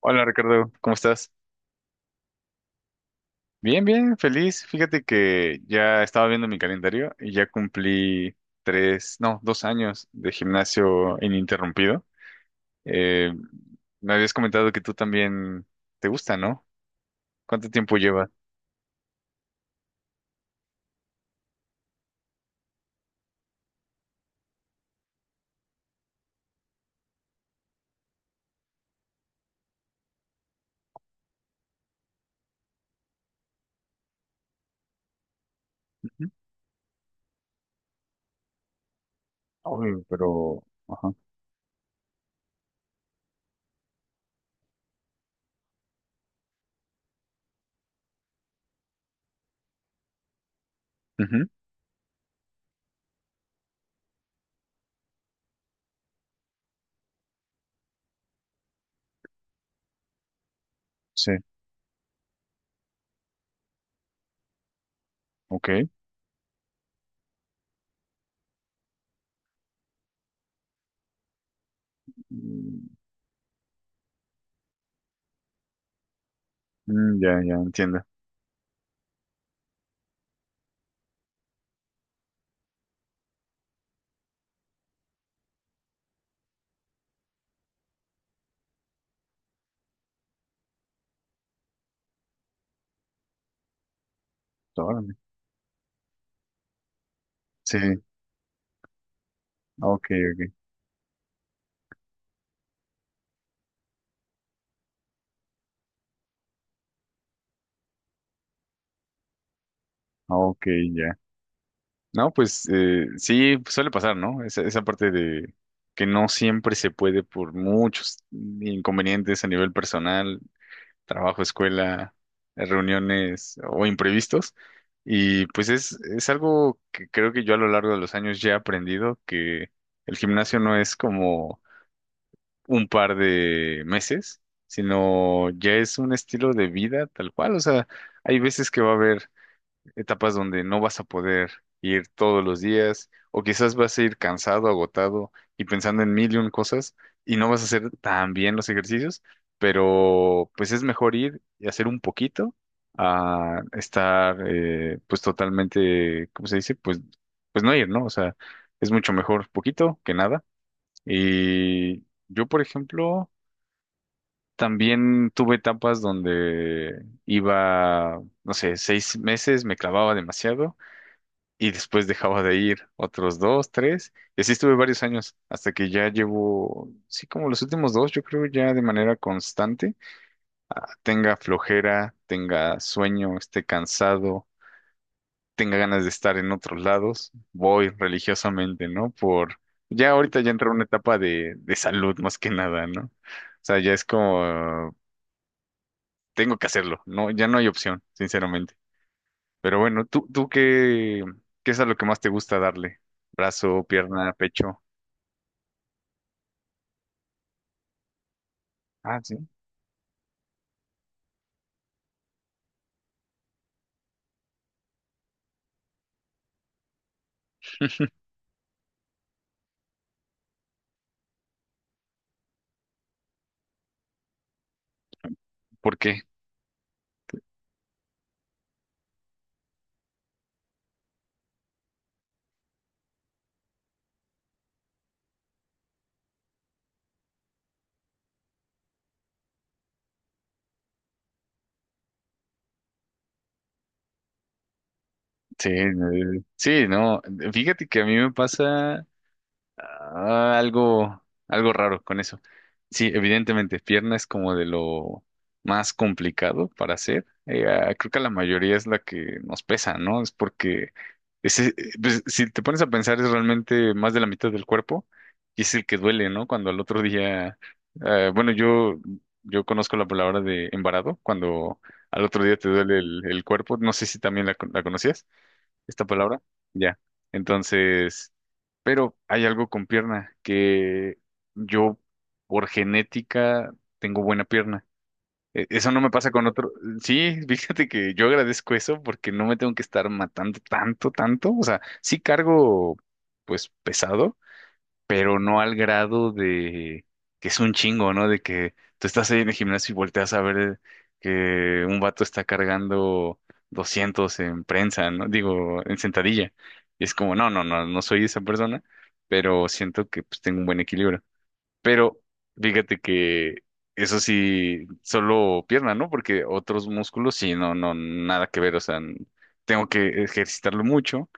Hola Ricardo, ¿cómo estás? Bien, bien, feliz. Fíjate que ya estaba viendo mi calendario y ya cumplí tres, no, 2 años de gimnasio ininterrumpido. Eh, Me habías comentado que tú también te gusta, ¿no? ¿Cuánto tiempo llevas? Ujú. Uy, pero... Ajá. Ujú, sí, ok. Mm, mm, ya, ya, entiendo. Órale. Sí, ok, ok. Ok, ya. No, pues sí, suele pasar, ¿no? Esa parte de que no siempre se puede por muchos inconvenientes a nivel personal, trabajo, escuela, reuniones o imprevistos. Y pues es algo que creo que yo a lo largo de los años ya he aprendido, que el gimnasio no es como un par de meses, sino ya es un estilo de vida tal cual. O sea, hay veces que va a haber etapas donde no vas a poder ir todos los días o quizás vas a ir cansado, agotado y pensando en mil y un cosas y no vas a hacer tan bien los ejercicios, pero pues es mejor ir y hacer un poquito a estar pues totalmente, ¿cómo se dice? Pues no ir, ¿no? O sea, es mucho mejor poquito que nada. Y yo, por ejemplo... También tuve etapas donde iba, no sé, 6 meses, me clavaba demasiado y después dejaba de ir otros dos, tres, y así estuve varios años, hasta que ya llevo, sí, como los últimos dos, yo creo ya de manera constante, tenga flojera, tenga sueño, esté cansado, tenga ganas de estar en otros lados, voy religiosamente, ¿no? Ya ahorita ya entré en una etapa de salud más que nada, ¿no? O sea, ya es como, tengo que hacerlo, no, ya no hay opción, sinceramente. Pero bueno, ¿tú qué, qué es a lo que más te gusta darle? Brazo, pierna, pecho. Ah, sí. ¿Por qué? Sí, sí, no. Fíjate que a mí me pasa. Ah, algo raro con eso. Sí, evidentemente, pierna es como de lo más complicado para hacer. Creo que la mayoría es la que nos pesa, ¿no? Es porque pues, si te pones a pensar es realmente más de la mitad del cuerpo y es el que duele, ¿no? Cuando al otro día, bueno, yo conozco la palabra de embarado, cuando al otro día te duele el cuerpo, no sé si también la conocías, esta palabra. Ya. Entonces... Pero hay algo con pierna, que yo por genética tengo buena pierna. Eso no me pasa con otro. Sí, fíjate que yo agradezco eso porque no me tengo que estar matando tanto, tanto. O sea, sí cargo pues pesado, pero no al grado de que es un chingo, ¿no? De que tú estás ahí en el gimnasio y volteas a ver que un vato está cargando 200 en prensa, ¿no? Digo, en sentadilla. Y es como, no, no, no, no soy esa persona, pero siento que pues tengo un buen equilibrio. Pero fíjate que eso sí, solo pierna, ¿no? Porque otros músculos sí, no, no, nada que ver, o sea, tengo que ejercitarlo mucho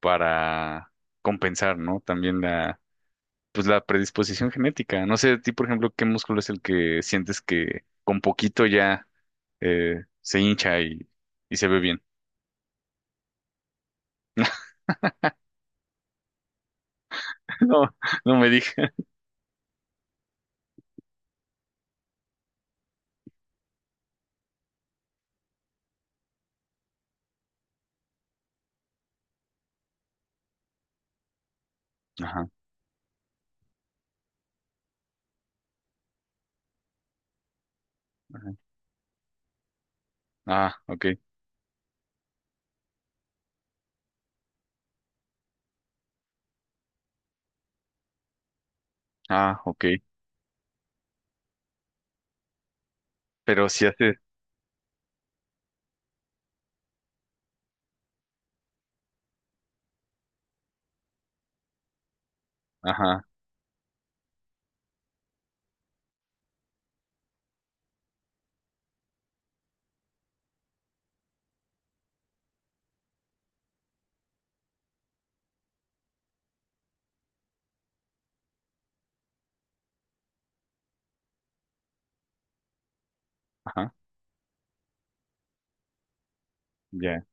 para compensar, ¿no? También la pues la predisposición genética. No sé, a ti, por ejemplo, ¿qué músculo es el que sientes que con poquito ya se hincha y se ve bien? No, no me dije. Ajá, ajá. Ah, ok. Ah, ok. Pero si haces, ajá, ajá, ya,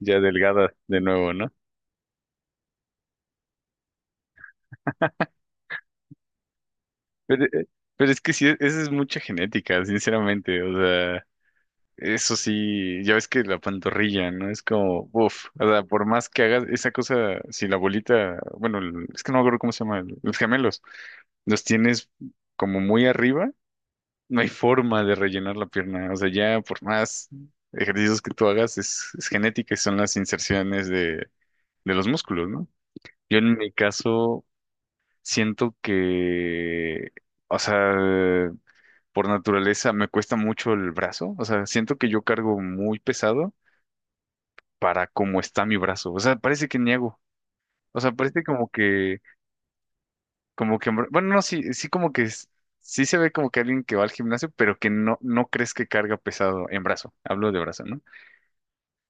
ya delgada de nuevo, ¿no? Pero, eh, pero es que sí, eso es mucha genética, sinceramente. O sea. Eso sí, ya ves que la pantorrilla, ¿no? Es como, uff, o sea, por más que hagas esa cosa, si la bolita, bueno, es que no me acuerdo cómo se llama, el- los gemelos, los tienes como muy arriba, no hay forma de rellenar la pierna, o sea, ya por más ejercicios que tú hagas, es genética y son las inserciones de los músculos, ¿no? Yo en mi caso siento que, o sea, por naturaleza me cuesta mucho el brazo, o sea, siento que yo cargo muy pesado para cómo está mi brazo. O sea, parece que niego. O sea, parece bueno, no, sí, sí como que sí se ve como que alguien que va al gimnasio, pero que no, no crees que carga pesado en brazo. Hablo de brazo, ¿no?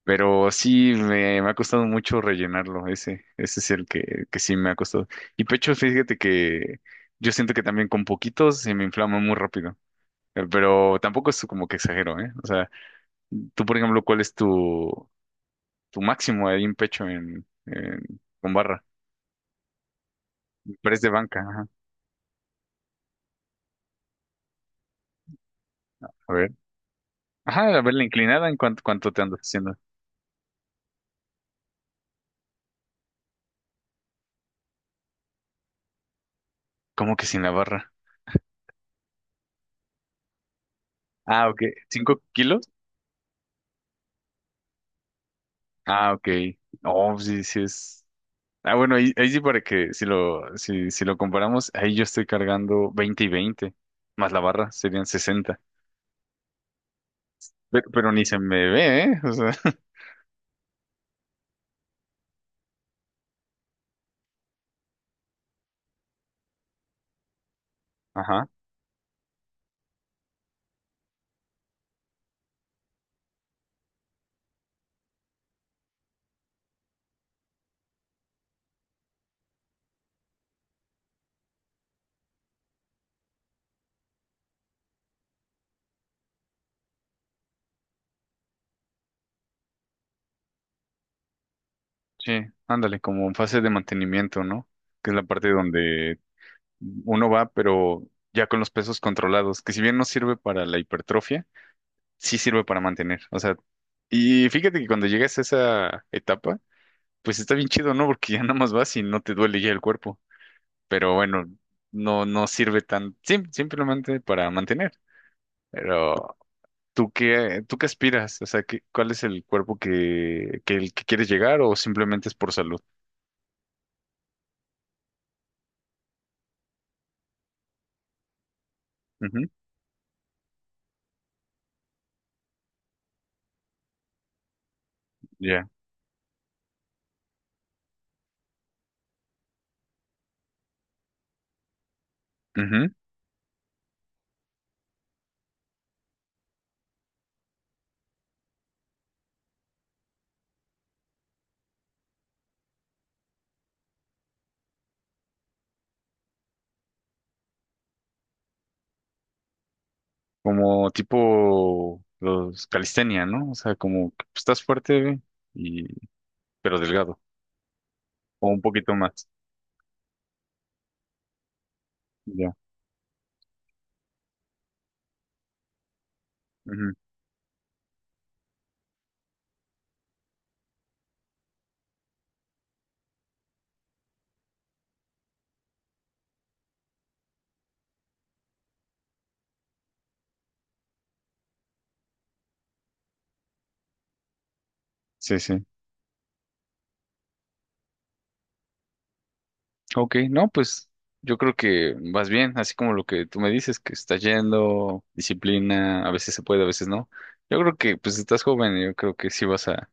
Pero sí me ha costado mucho rellenarlo. Ese es el que sí me ha costado. Y pecho, fíjate que yo siento que también con poquitos se me inflama muy rápido. Pero tampoco es como que exagero, ¿eh? O sea, tú, por ejemplo, ¿cuál es tu máximo ahí en pecho con barra? Press de banca, ajá. A ver. Ajá, a ver la inclinada, ¿en cuánto te andas haciendo? ¿Cómo que sin la barra? Ah, ok. ¿5 kilos? Ah, ok. Oh, sí, sí es. Ah, bueno, ahí, ahí sí para que si lo, si, si lo comparamos, ahí yo estoy cargando 20 y 20 más la barra serían 60. Pero ni se me ve, ¿eh? O sea, ajá. Sí, ándale, como en fase de mantenimiento, ¿no? Que es la parte donde uno va, pero ya con los pesos controlados, que si bien no sirve para la hipertrofia, sí sirve para mantener. O sea, y fíjate que cuando llegas a esa etapa, pues está bien chido, ¿no? Porque ya nada más vas y no te duele ya el cuerpo. Pero bueno, no, no sirve simplemente para mantener. Pero, tú qué aspiras? O sea, cuál es el cuerpo el que quieres llegar o simplemente es por salud? Ujú, ya. Ujú. Como tipo los calistenia, ¿no? O sea, como que estás fuerte y, pero delgado. O un poquito más. Ya. Ujú. Sí, sí. Ok, no, pues yo creo que vas bien, así como lo que tú me dices, que estás yendo, disciplina, a veces se puede, a veces no. Yo creo que pues estás joven y yo creo que sí vas a,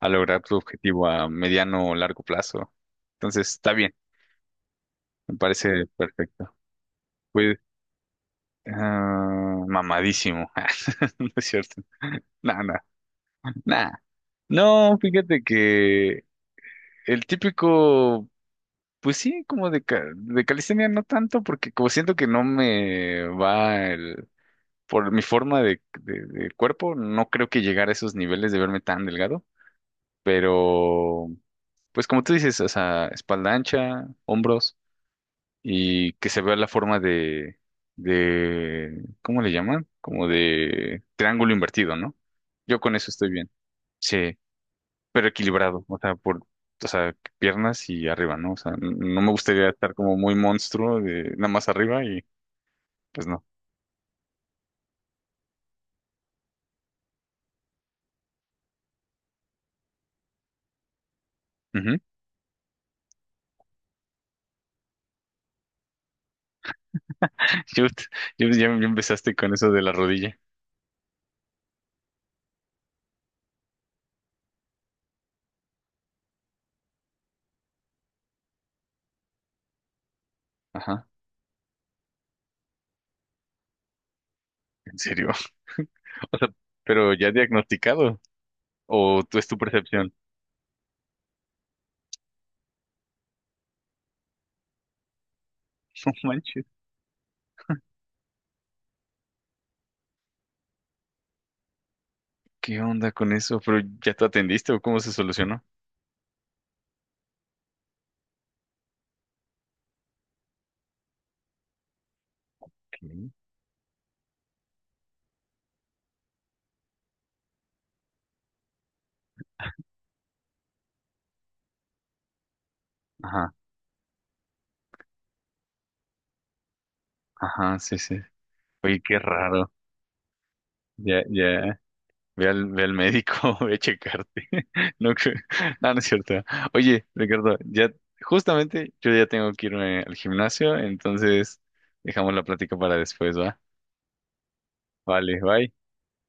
a lograr tu objetivo a mediano o largo plazo. Entonces, está bien, me parece perfecto. Pues, ah, mamadísimo. No es cierto. Nada, nada. No, fíjate que el típico. Pues sí, de calistenia no tanto, porque como siento que no me va por mi forma de cuerpo, no creo que llegar a esos niveles de verme tan delgado, pero pues como tú dices, o sea, espalda ancha, hombros y que se vea la forma ¿cómo le llaman? Como de triángulo invertido, ¿no? Yo con eso estoy bien. Sí pero equilibrado, o sea, o sea, piernas y arriba, ¿no? O sea, no me gustaría estar como muy monstruo de nada más arriba y pues no. Ujú. Shoot, ya, ya empezaste con eso de la rodilla. Ajá, en serio. O sea, pero ya diagnosticado o tú es tu percepción. No manches. ¿Qué onda con eso? ¿Pero ya te atendiste o cómo se solucionó? ¿Qué? Ajá, ajá, sí, sí. Oye, qué raro. Ya, ya. Ve al médico, ve a checarte. No, que- no, no es cierto. Oye, Ricardo, ya justamente yo ya tengo que irme al gimnasio, entonces dejamos la plática para después, ¿va? Vale, bye.